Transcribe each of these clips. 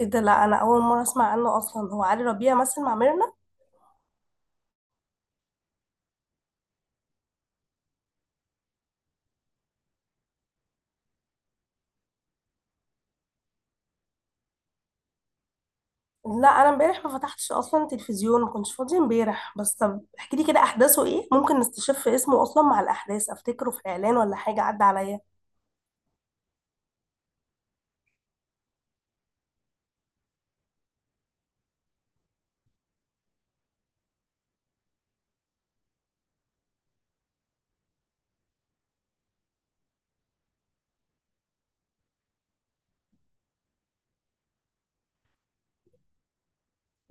ايه ده! لا، انا اول مره اسمع عنه اصلا. هو علي ربيع مثل مع ميرنا؟ لا، انا امبارح ما فتحتش اصلا تلفزيون، ما كنتش فاضيه امبارح. بس طب احكي لي كده احداثه ايه، ممكن نستشف اسمه اصلا مع الاحداث. افتكره في اعلان ولا حاجه عدى عليا؟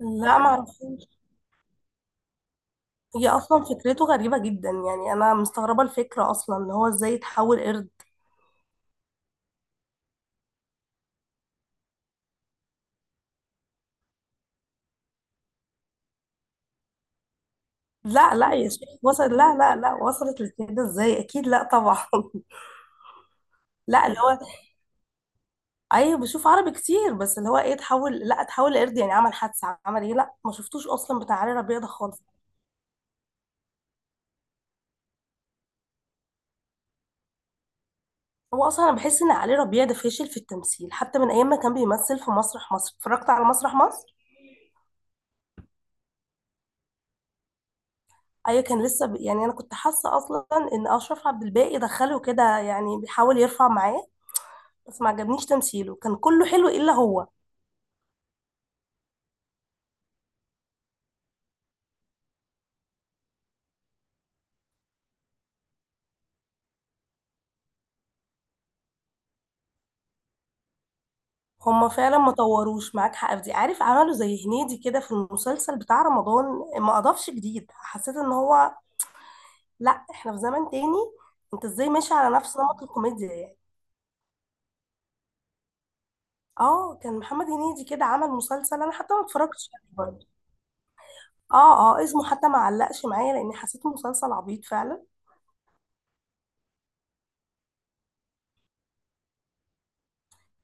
لا، ما اعرفوش. هي اصلا فكرته غريبه جدا، يعني انا مستغربه الفكره اصلا، ان هو ازاي يتحول قرد؟ لا لا يا شيخ، وصل؟ لا لا لا، وصلت لكده ازاي؟ اكيد لا، طبعا. لا، اللي هو، ايوه بشوف عربي كتير. بس اللي هو ايه، اتحول، لا اتحول لقرد؟ يعني عمل حادثه، عمل ايه؟ لا، ما شفتوش اصلا بتاع علي ربيع ده خالص. هو اصلا انا بحس ان علي ربيع ده فاشل في التمثيل، حتى من ايام ما كان بيمثل في مسرح مصر. اتفرجت على مسرح مصر، ايوه، كان لسه يعني انا كنت حاسه اصلا ان اشرف عبد الباقي دخله كده، يعني بيحاول يرفع معاه. بس ما عجبنيش تمثيله، كان كله حلو الا هو. هما فعلا ما طوروش، معاك حق في دي. عارف، عملوا زي هنيدي كده في المسلسل بتاع رمضان، ما اضافش جديد. حسيت ان هو، لا، احنا في زمن تاني. انت ازاي ماشي على نفس نمط الكوميديا يعني؟ اه، كان محمد هنيدي كده عمل مسلسل، انا حتى ما اتفرجتش عليه برضه. اه اه، اسمه حتى ما علقش معايا، لان حسيته مسلسل عبيط فعلا.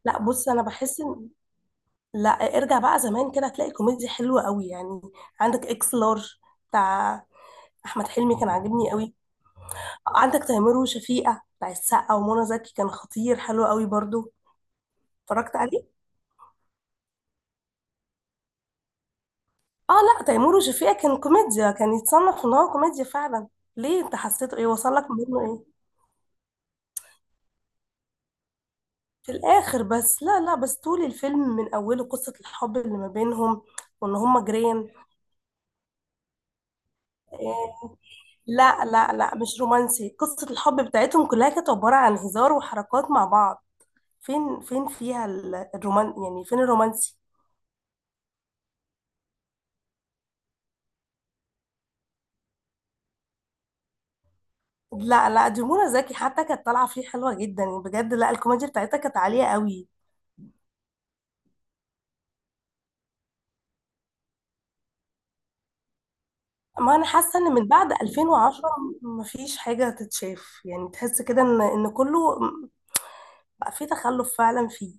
لا بص، انا بحس ان، لا ارجع بقى زمان كده هتلاقي كوميديا حلوه قوي يعني. عندك اكس لارج بتاع احمد حلمي، كان عاجبني قوي. عندك تيمور وشفيقة بتاع السقا ومنى زكي، كان خطير، حلو قوي برضه. اتفرجت عليه. اه، لا تيمور وشفيقة كان كوميديا، كان يتصنف ان هو كوميديا فعلا. ليه، انت حسيته ايه؟ وصل لك منه ايه؟ في الاخر بس؟ لا لا، بس طول الفيلم من اوله قصة الحب اللي ما بينهم، وان هما جيران. إيه؟ لا لا لا، مش رومانسي. قصة الحب بتاعتهم كلها كانت عبارة عن هزار وحركات مع بعض. فين فيها الرومان يعني، فين الرومانسي؟ لا لا، دي منى زكي حتى كانت طالعة فيه حلوة جدا يعني، بجد. لا، الكوميديا بتاعتها كانت عالية قوي. ما انا حاسه ان من بعد 2010 مفيش حاجه تتشاف، يعني تحس كده ان كله بقى فيه تخلف فعلا فيه.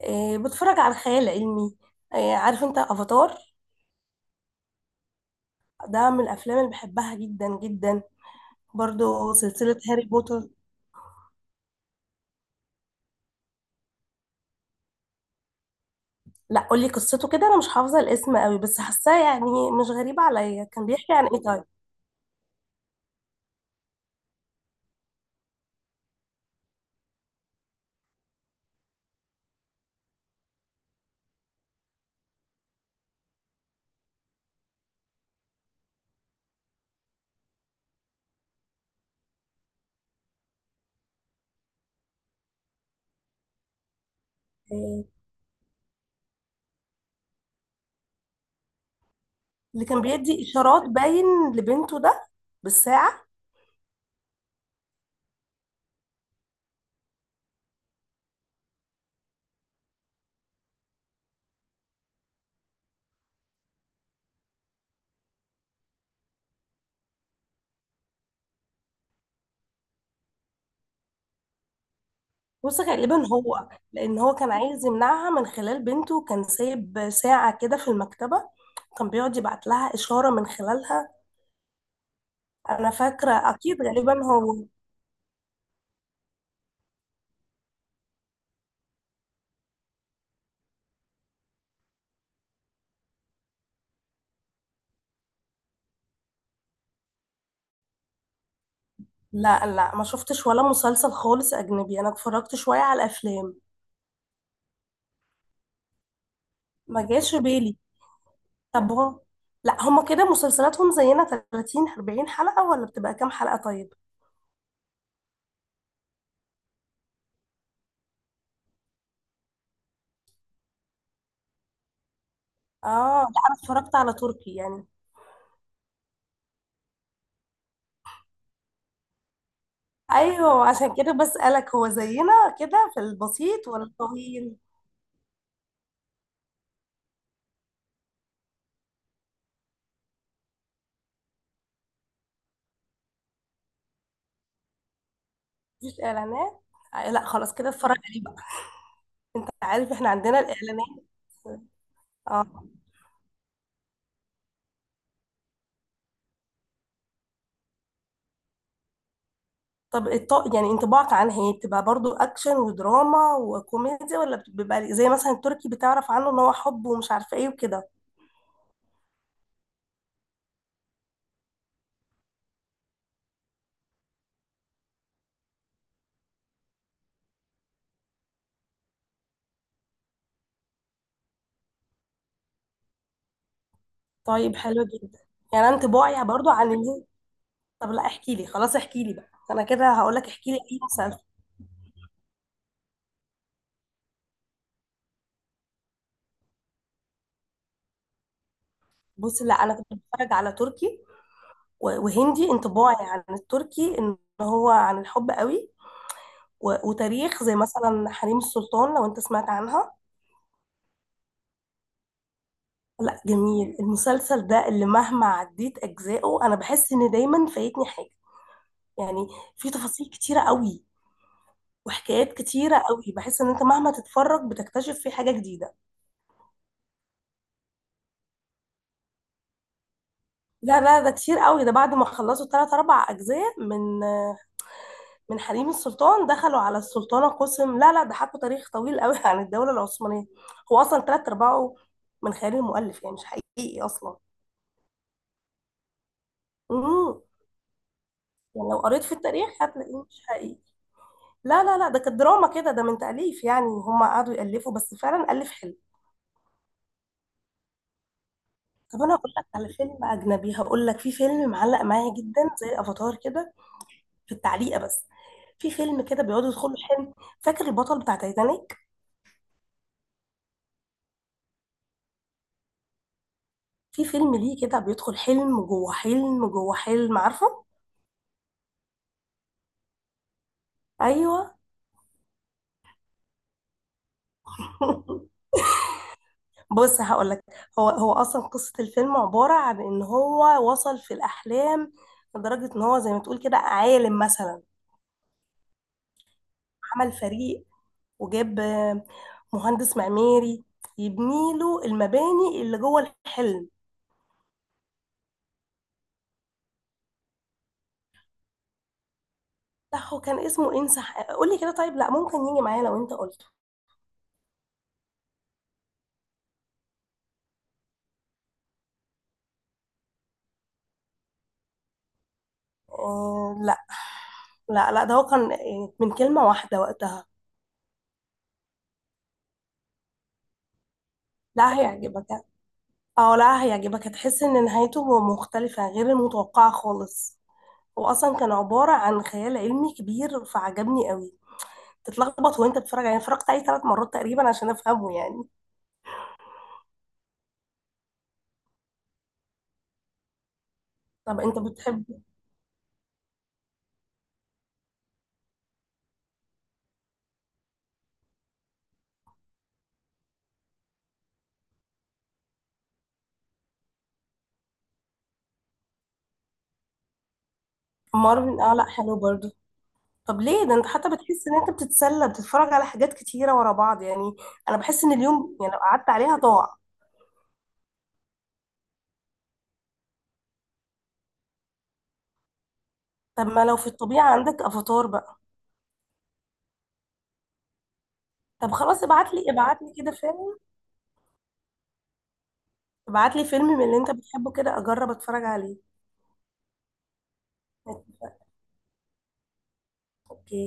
إيه، بتفرج على الخيال العلمي. إيه، عارف انت افاتار؟ ده من الافلام اللي بحبها جدا جدا. برضو سلسله هاري بوتر. لا، قولي قصته كده، انا مش حافظه الاسم قوي، بس حاساه يعني مش غريبه عليا. كان بيحكي عن ايه طيب؟ إيه، اللي كان بيدي اشارات باين لبنته ده بالساعه؟ بص، غالبا هو، لان هو كان عايز يمنعها من خلال بنته، كان سايب ساعة كده في المكتبة، كان بيقعد يبعت لها إشارة من خلالها. انا فاكرة اكيد غالبا هو. لا لا، ما شفتش ولا مسلسل خالص اجنبي. انا اتفرجت شوية على الافلام. ما جاش في بالي. طب هو، لا هما كده مسلسلاتهم زينا؟ 30، 40 حلقة ولا بتبقى كام حلقة طيب؟ اه، لا انا اتفرجت على تركي يعني. ايوه، عشان كده بسألك، هو زينا كده في البسيط ولا الطويل؟ مفيش اعلانات؟ لا خلاص كده اتفرج عليه بقى. انت عارف، احنا عندنا الاعلانات. اه. طب يعني انطباعك عنها، هي بتبقى برضو اكشن ودراما وكوميديا، ولا بيبقى زي مثلا التركي، بتعرف عنه ان هو حب ومش عارفه ايه وكده؟ طيب حلو جدا. يعني انا انطباعي برضو عن اللي. طب لا، احكي لي، خلاص احكي لي بقى. انا كده هقول لك، احكي لي اي مسلسل. بص لا، انا كنت بتفرج على تركي. وهندي. انطباعي عن التركي ان هو عن الحب قوي. وتاريخ، زي مثلا حريم السلطان لو انت سمعت عنها. لا جميل المسلسل ده. اللي مهما عديت اجزائه، انا بحس ان دايما فايتني حاجه يعني. في تفاصيل كتيره قوي وحكايات كتيره قوي، بحس ان انت مهما تتفرج بتكتشف فيه حاجه جديده. لا لا، ده كتير قوي. ده بعد ما خلصوا ثلاث اربع اجزاء من حريم السلطان، دخلوا على السلطانه قسم. لا لا، ده حكوا تاريخ طويل قوي عن الدوله العثمانيه. هو اصلا ثلاث ارباعه من خيال المؤلف، يعني مش حقيقي اصلا. مم. يعني لو قريت في التاريخ هتلاقيه مش حقيقي. لا لا لا، ده كانت دراما كده، ده من تأليف. يعني هم قعدوا يألفوا، بس فعلا ألف حلو. طب أنا هقول لك على فيلم أجنبي، هقول لك في فيلم معلق معايا جدا زي أفاتار كده، في التعليقة بس. في فيلم كده بيقعدوا يدخلوا حلم. فاكر البطل بتاع تايتانيك؟ في فيلم ليه كده بيدخل حلم جوه حلم جوه حلم، عارفه؟ ايوه. بص هقول لك. هو اصلا قصه الفيلم عباره عن ان هو وصل في الاحلام، لدرجه ان هو زي ما تقول كده عالم مثلا. عمل فريق وجاب مهندس معماري يبني له المباني اللي جوه الحلم. بتاعه كان اسمه انسح، قولي كده طيب، لا ممكن يجي معايا لو انت قلته. آه، لا لا لا، ده هو كان من كلمة واحدة وقتها. لا هيعجبك. اه، لا هيعجبك، هتحس ان نهايته مختلفة، غير المتوقعة خالص. هو اصلا كان عبارة عن خيال علمي كبير، فعجبني قوي. تتلخبط وانت بتتفرج، يعني اتفرجت عليه ثلاث مرات تقريبا عشان افهمه يعني. طب انت بتحب. مارفن، اه لا حلو برضو. طب ليه؟ ده انت حتى بتحس ان انت بتتسلى، بتتفرج على حاجات كتيرة ورا بعض يعني. انا بحس ان اليوم يعني لو قعدت عليها ضاع. طب ما لو في الطبيعة، عندك افاتار بقى. طب خلاص، ابعت لي كده فيلم. ابعت لي فيلم من اللي انت بتحبه كده، اجرب اتفرج عليه. اوكي.